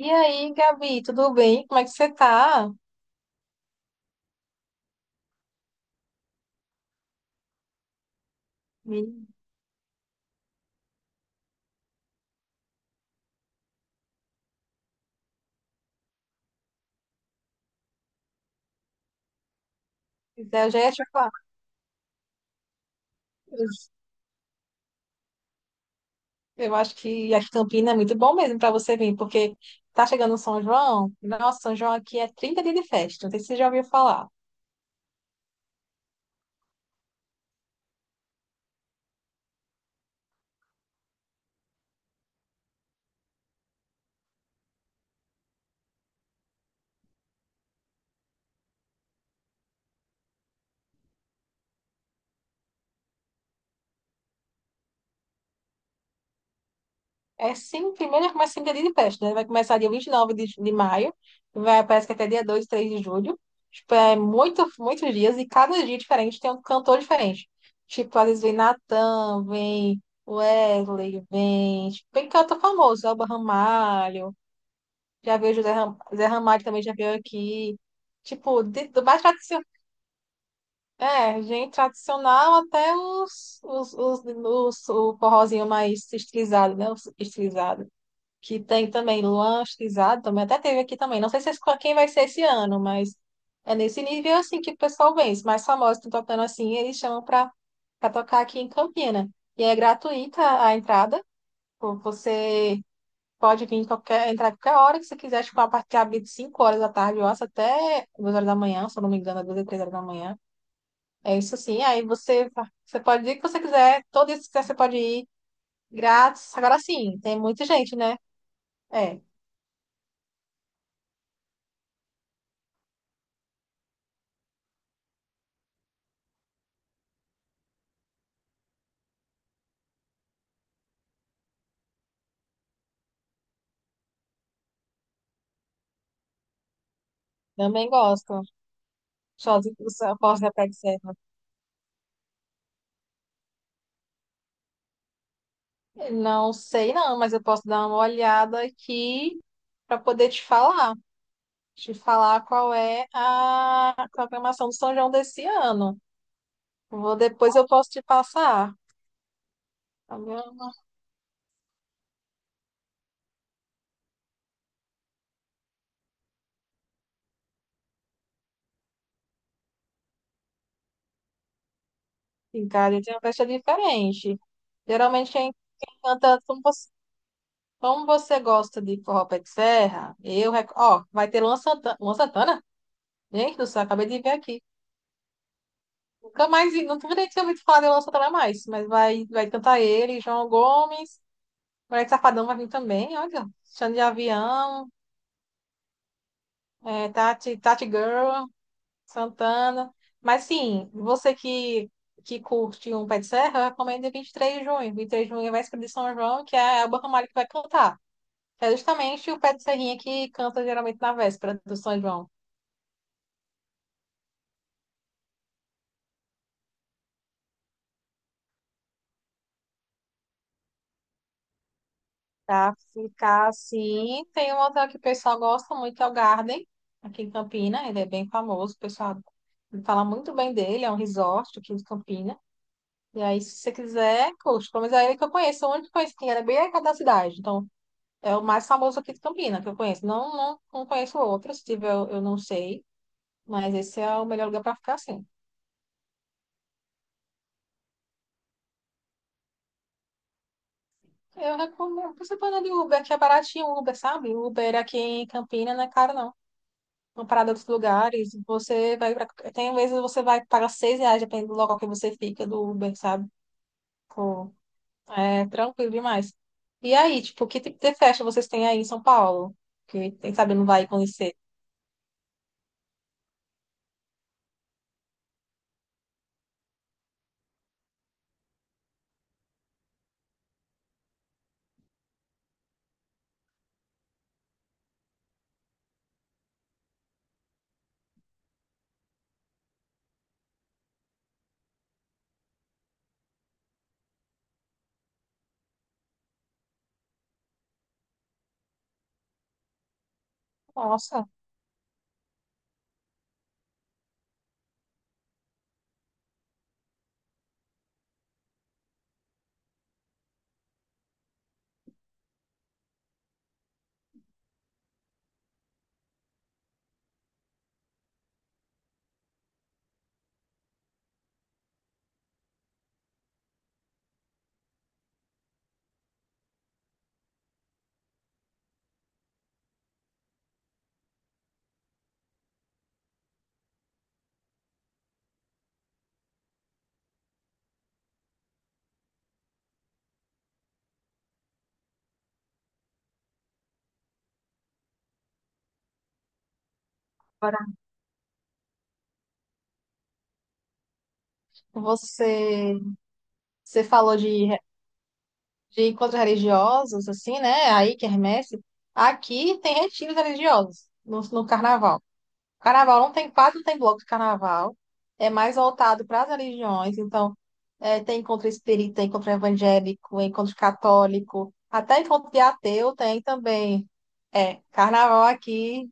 E aí, Gabi, tudo bem? Como é que você tá? Me- Eu já ia te falar. Eu eu acho que a Campina é muito bom mesmo para você vir, porque tá chegando o São João. Nossa, São João aqui é 30 dias de festa. Não sei se você já ouviu falar. É sim, primeiro começa em dia de festa, né? Vai começar dia 29 de maio, vai, parece que até dia 2, 3 de julho. Tipo, é muito, muitos dias, e cada dia diferente tem um cantor diferente. Tipo, às vezes vem Natan, vem Wesley, vem, tipo, vem cantor famoso, Elba Ramalho, já veio Zé Ramalho também já veio aqui. Tipo, do mais tradicional, é, gente tradicional até o forrozinho mais estilizado, né? Os estilizado que tem também Luan Stizado, também até teve aqui também. Não sei se, quem vai ser esse ano, mas é nesse nível assim que o pessoal vem. Os mais famosos estão tocando assim, eles chamam para tocar aqui em Campina. E é gratuita a entrada. Pô, você pode vir em qualquer, entrar em qualquer hora que você quiser, tipo, a partir de abre de 5 horas da tarde, eu acho, até 2 horas da manhã, se eu não me engano, 2 e 3 horas da manhã. É isso sim. Você pode ir o que você quiser, todo isso que você quiser, você pode ir grátis. Agora sim, tem muita gente, né? É, também gosto. Sozinho, eu posso dar para serva. Não sei não, mas eu posso dar uma olhada aqui para poder te falar qual é a programação do São João desse ano. Vou, depois eu posso te passar. Tá bom? Em cada tem uma festa diferente. Geralmente quem canta como você gosta de forró pé de serra, eu, ó, vai ter Luan Santana, Luan Santana? Gente do céu, acabei de ver aqui. Nunca mais, não nem tinha ouvido falar de Luan Santana mais, mas vai, vai cantar ele, João Gomes, Moleque Safadão vai vir também, olha, Xande de Avião, é, Tati Girl, Santana. Mas sim, que curte um pé de serra, eu recomendo 23 de junho. Vinte e três de junho vai ser de São João, que é a Elba Ramalho que vai cantar. É justamente o pé de serrinha que canta geralmente na véspera do São João. Pra ficar assim. Tem um hotel que o pessoal gosta muito, é o Garden, aqui em Campina. Ele é bem famoso, o pessoal fala muito bem dele. É um resort aqui de Campina. E aí, se você quiser, curte. Pelo menos é ele que eu conheço. O único que eu conheço que era bem aqui da cidade. Então, é o mais famoso aqui de Campina que eu conheço. Não conheço outro. Se tiver, eu não sei. Mas esse é o melhor lugar para ficar assim. Eu recomendo. Você pode andar de Uber, que é baratinho o Uber, sabe? Uber aqui em Campina não é caro, não. Uma parada dos lugares, você vai pra... tem vezes você vai pagar seis reais, dependendo do local que você fica, do Uber, sabe? Pô, é tranquilo demais. E aí, tipo, que tipo de festa vocês têm aí em São Paulo? Que quem sabe não vai conhecer. Nossa, agora você, você falou de encontros religiosos, assim, né? Aí, quermesse. Aqui tem retiros religiosos no carnaval. Carnaval não tem, quase não tem bloco de carnaval. É mais voltado para as religiões. Então, é, tem encontro espírita, encontro evangélico, encontro católico, até encontro de ateu tem também. É, carnaval aqui,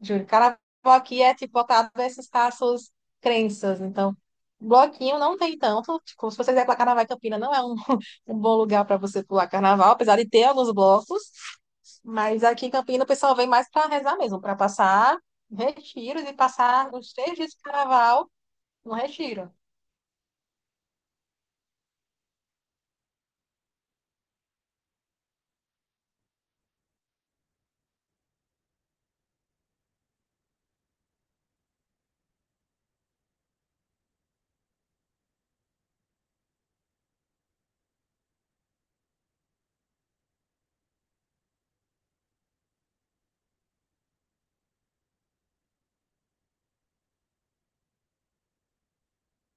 Júlio, carnaval aqui é tipo voltado para essas casos, crenças. Então, bloquinho não tem tanto. Tipo, se você quiser pular carnaval em Campina, não é um, um bom lugar para você pular carnaval, apesar de ter alguns blocos. Mas aqui em Campinas o pessoal vem mais para rezar mesmo, para passar retiros e passar os três dias de carnaval no retiro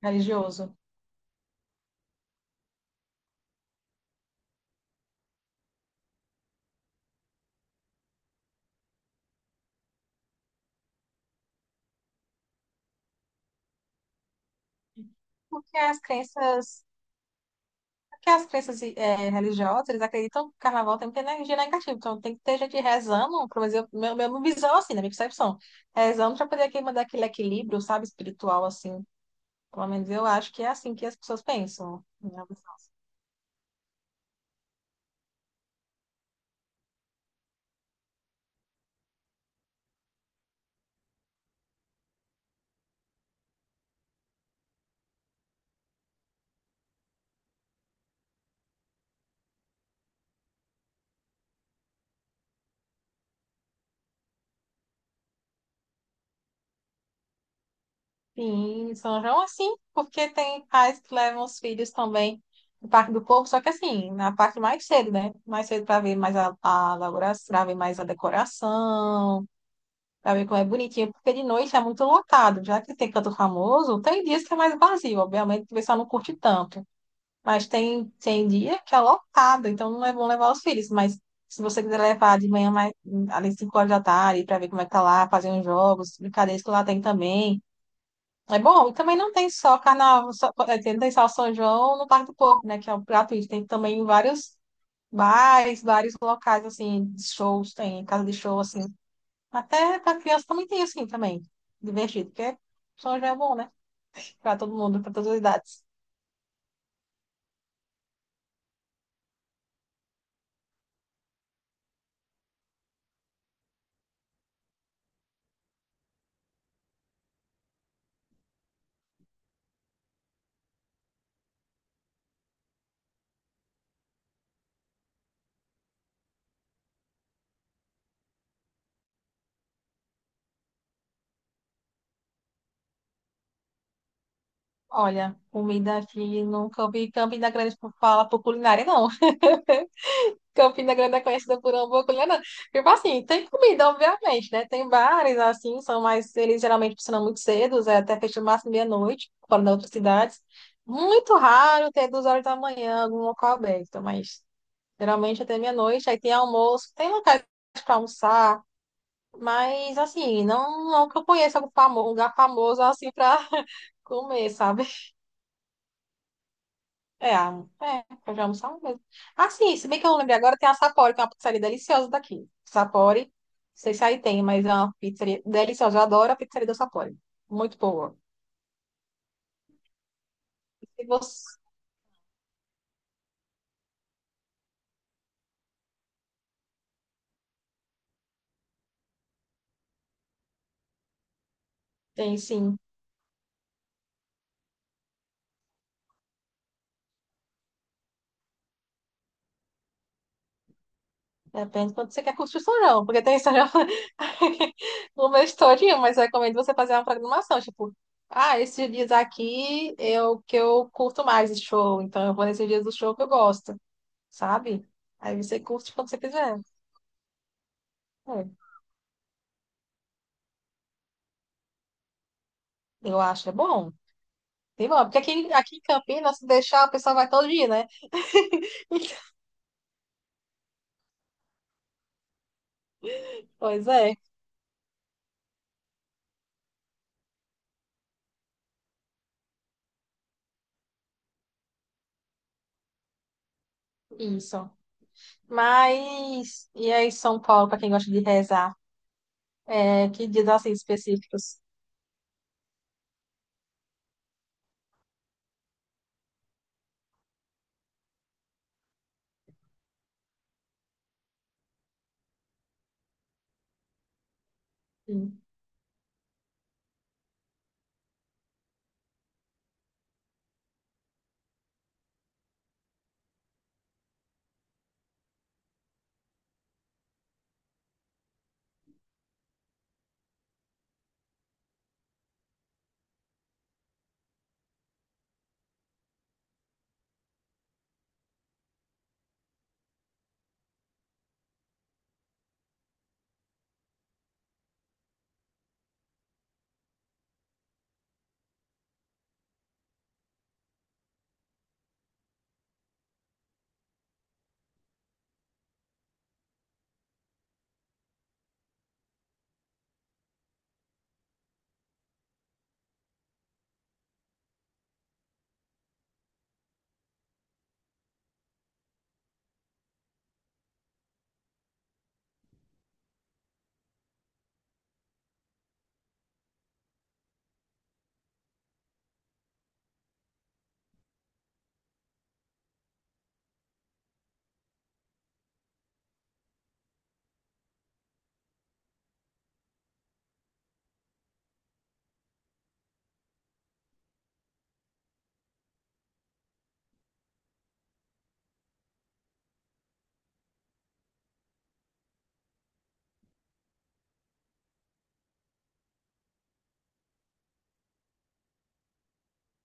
religioso. Porque as crenças, porque as crenças religiosas, eles acreditam que o carnaval tem muita energia negativa. Então tem que ter gente rezando, pelo menos meu visão assim, na minha percepção. Rezando para poder aqui mandar aquele equilíbrio, sabe, espiritual assim. Pelo menos eu acho que é assim que as pessoas pensam, né? Sim, São João assim, porque tem pais que levam os filhos também no Parque do Povo, só que assim, na parte mais cedo, né? Mais cedo para ver mais a elaboração, para ver mais a decoração, para ver como é bonitinho, porque de noite é muito lotado, já que tem canto famoso, tem dias que é mais vazio, obviamente que o pessoal não curte tanto, mas tem, tem dia que é lotado, então não é bom levar os filhos, mas se você quiser levar de manhã mais, ali 5 horas da tarde, para ver como é que tá lá, fazer uns jogos, brincadeiras que lá tem também é bom, e também não tem só carnaval, não tem só São João no Parque do Povo, né? Que é um gratuito. Tem também vários bares, vários locais, assim, de shows, tem casa de show, assim. Até para criança também tem, assim, também. Divertido, porque São João é bom, né? Para todo mundo, para todas as idades. Olha, comida aqui, nunca ouvi Campina Grande por fala por culinária, não. Campina Grande é conhecida por hambúrguer, não. Tipo assim, tem comida, obviamente, né? Tem bares, assim, são mais... Eles geralmente funcionam muito cedo, é, até fecham no máximo meia-noite, fora das outras cidades. Muito raro ter duas horas da manhã algum local aberto, mas geralmente até meia-noite. Aí tem almoço, tem locais para almoçar, mas, assim, não que eu conheça algum um lugar famoso, assim, para comer, sabe? Pode almoçar uma vez. Ah, sim, se bem que eu não lembrei agora, tem a Sapori, que é uma pizzaria deliciosa daqui. Sapori, não sei se aí tem, mas é uma pizzaria deliciosa. Eu adoro a pizzaria da Sapori. Muito boa. E você tem, sim. Depende de quanto você quer curtir o restaurante, porque tem restaurante no mês todinho, mas eu recomendo você fazer uma programação, tipo, ah, esses dias aqui é o que eu curto mais de show, então eu vou nesses dias do show que eu gosto, sabe? Aí você curte quando você quiser. É, eu acho, é bom. Demora, porque aqui em Campinas, se deixar, o pessoal vai todo dia, né? Pois é, isso. Mas, e aí, São Paulo, para quem gosta de rezar? É, que dias assim específicos? Sim,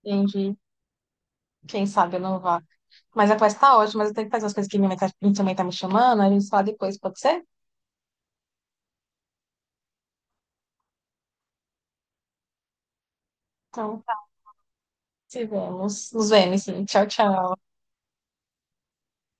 entendi. Quem sabe eu não vá. Mas a conversa tá ótima, mas eu tenho que fazer as coisas que minha mãe tá me chamando, a gente fala depois, pode ser? Então, tá, se vemos. Nos vemos, sim. Tchau, tchau.